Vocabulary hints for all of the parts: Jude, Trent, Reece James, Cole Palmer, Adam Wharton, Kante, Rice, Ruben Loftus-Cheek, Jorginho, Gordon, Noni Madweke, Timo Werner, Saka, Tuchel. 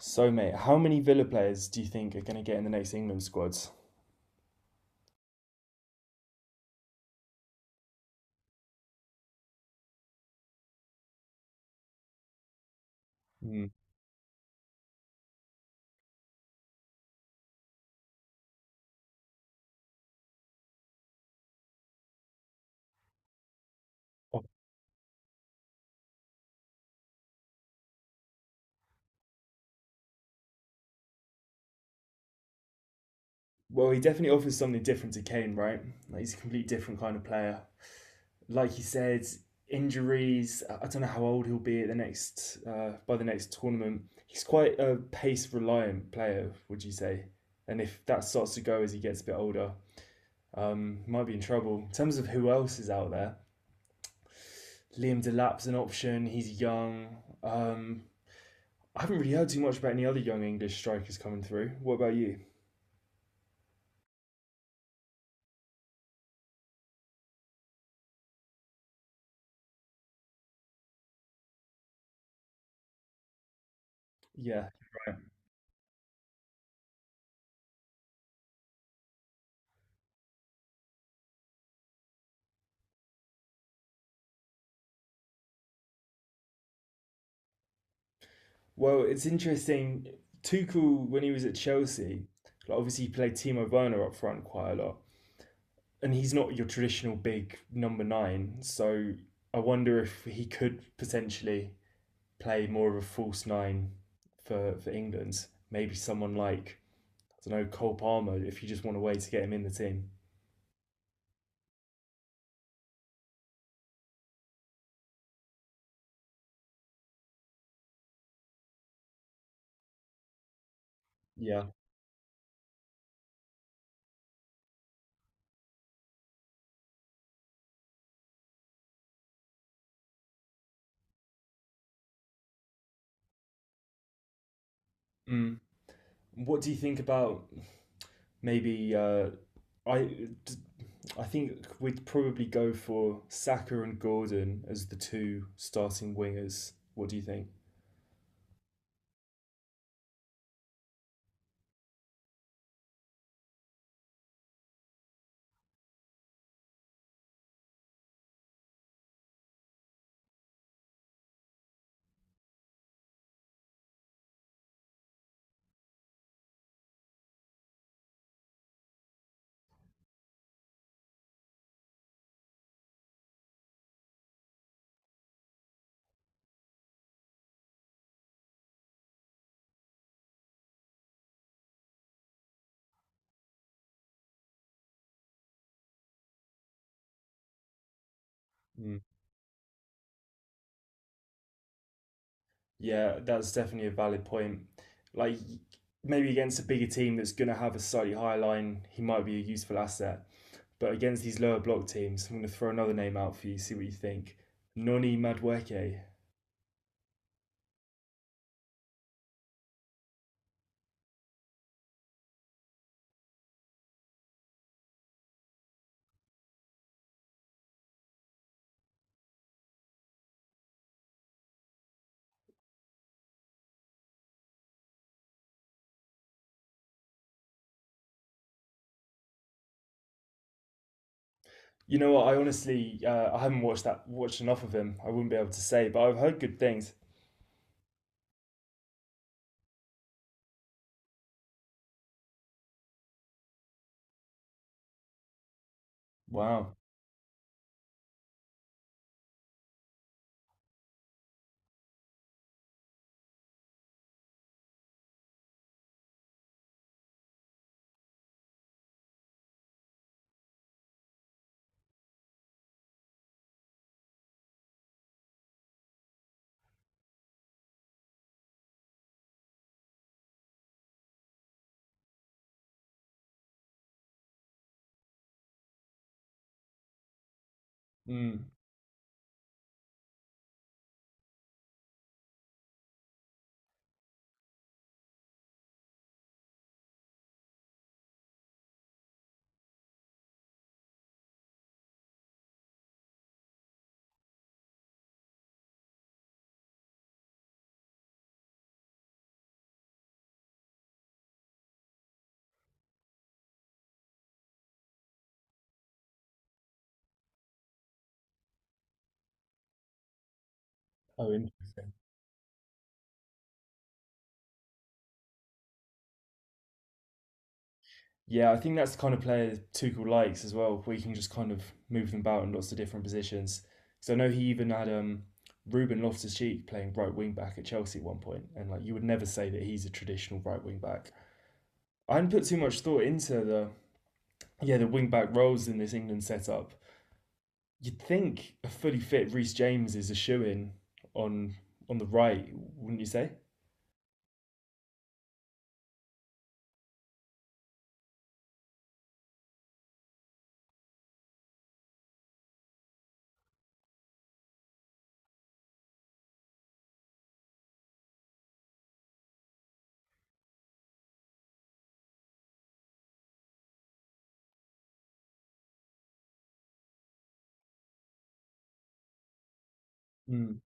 So, mate, how many Villa players do you think are going to get in the next England squads? Mm. Well, he definitely offers something different to Kane, right? Like he's a complete different kind of player. Like you said, injuries. I don't know how old he'll be at the next by the next tournament. He's quite a pace reliant player, would you say? And if that starts to go as he gets a bit older, might be in trouble. In terms of who else is out there, Liam Delap's an option. He's young. Um, I haven't really heard too much about any other young English strikers coming through. What about you? Yeah. Well, it's interesting. Tuchel, when he was at Chelsea, like obviously he played Timo Werner up front quite a lot, and he's not your traditional big number nine. So I wonder if he could potentially play more of a false nine for England. Maybe someone like I don't know, Cole Palmer, if you just want a way to get him in the team. Yeah. Mm. What do you think about maybe I I think we'd probably go for Saka and Gordon as the two starting wingers. What do you think? Mm. Yeah, that's definitely a valid point. Like maybe against a bigger team that's going to have a slightly higher line, he might be a useful asset. But against these lower block teams, I'm going to throw another name out for you. See what you think. Noni Madweke. You know what? I honestly, I haven't watched enough of him. I wouldn't be able to say, but I've heard good things. Wow. Mm. Oh, interesting. Yeah, I think that's the kind of player Tuchel likes as well, where you can just kind of move them about in lots of different positions. So I know he even had Ruben Loftus-Cheek playing right wing back at Chelsea at one point, and like you would never say that he's a traditional right wing back. I hadn't put too much thought into the yeah the wing back roles in this England setup. You'd think a fully fit Reece James is a shoe in on on the right, wouldn't you say? Mm.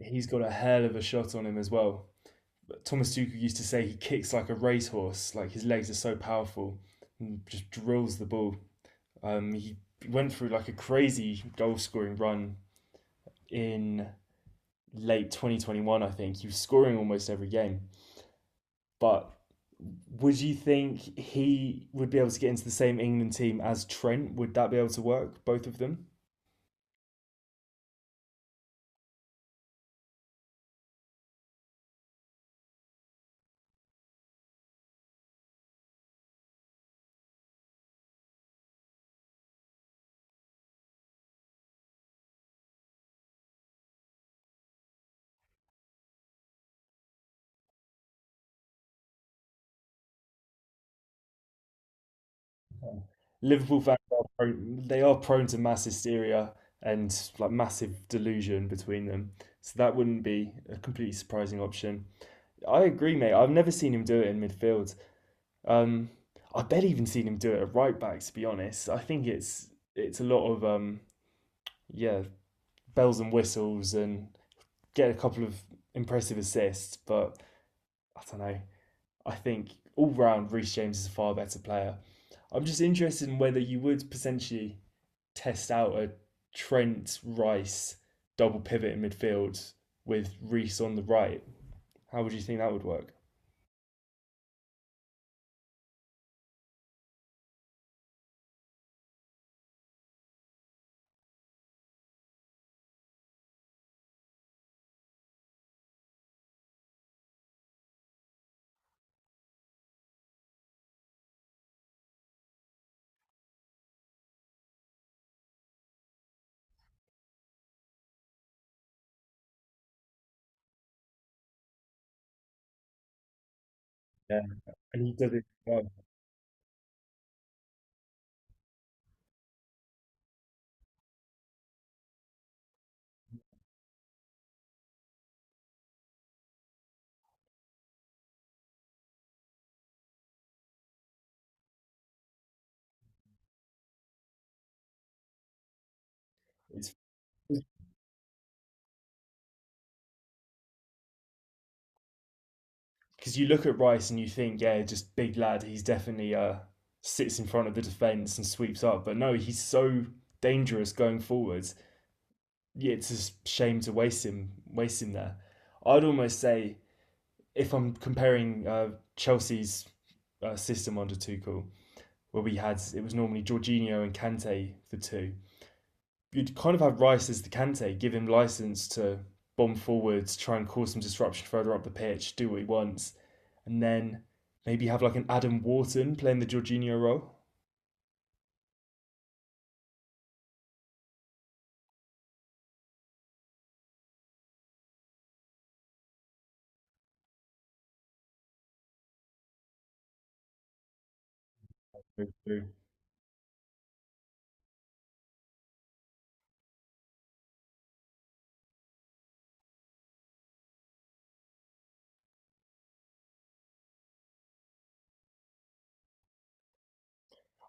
He's got a hell of a shot on him as well. But Thomas Tuchel used to say he kicks like a racehorse, like his legs are so powerful and just drills the ball. He went through like a crazy goal scoring run in late 2021, I think. He was scoring almost every game. But would you think he would be able to get into the same England team as Trent? Would that be able to work, both of them? Liverpool fans are prone, they are prone to mass hysteria and like massive delusion between them. So that wouldn't be a completely surprising option. I agree, mate. I've never seen him do it in midfield. Um, I bet even seen him do it at right back, to be honest. I think it's a lot of yeah, bells and whistles and get a couple of impressive assists, but I don't know. I think all round Reece James is a far better player. I'm just interested in whether you would potentially test out a Trent Rice double pivot in midfield with Reece on the right. How would you think that would work? Yeah. And he does it well. It's because you look at Rice and you think, yeah, just big lad. He's definitely sits in front of the defense and sweeps up. But no, he's so dangerous going forwards. Yeah, it's a shame to waste him there. I'd almost say if I'm comparing Chelsea's system under Tuchel, where we had it was normally Jorginho and Kante for two. You'd kind of have Rice as the Kante, give him license to bomb forwards, try and cause some disruption further up the pitch, do what he wants and then maybe have like an Adam Wharton playing the Jorginho role. Mm-hmm.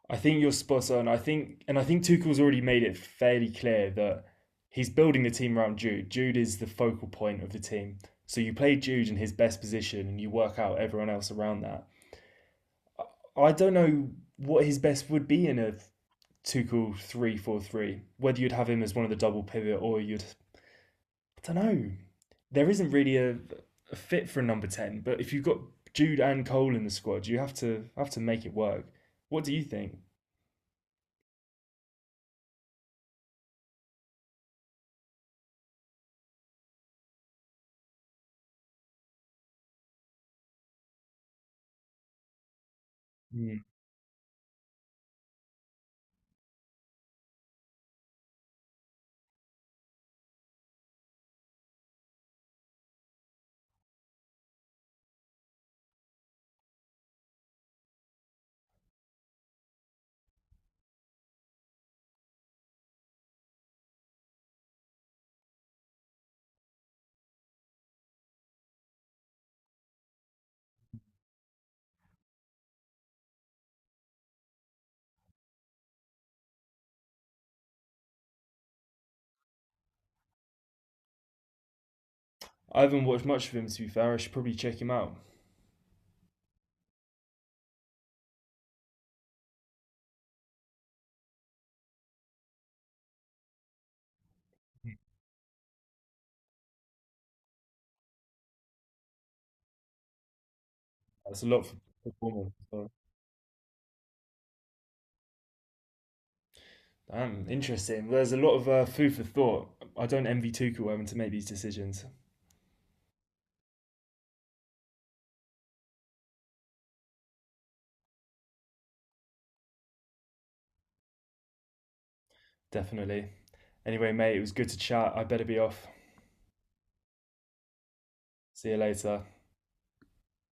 I think you're spot on. I think, and I think Tuchel's already made it fairly clear that he's building the team around Jude. Jude is the focal point of the team. So you play Jude in his best position and you work out everyone else around that. I don't know what his best would be in a Tuchel 3-4-3, whether you'd have him as one of the double pivot or you'd I don't know. There isn't really a fit for a number ten, but if you've got Jude and Cole in the squad, you have to make it work. What do you think? Hmm. I haven't watched much of him to be fair. I should probably check him out. That's a lot for performance. So. Damn, interesting. Well, there's a lot of food for thought. I don't envy Tuchel having to make these decisions. Definitely. Anyway, mate, it was good to chat. I better be off. See you later.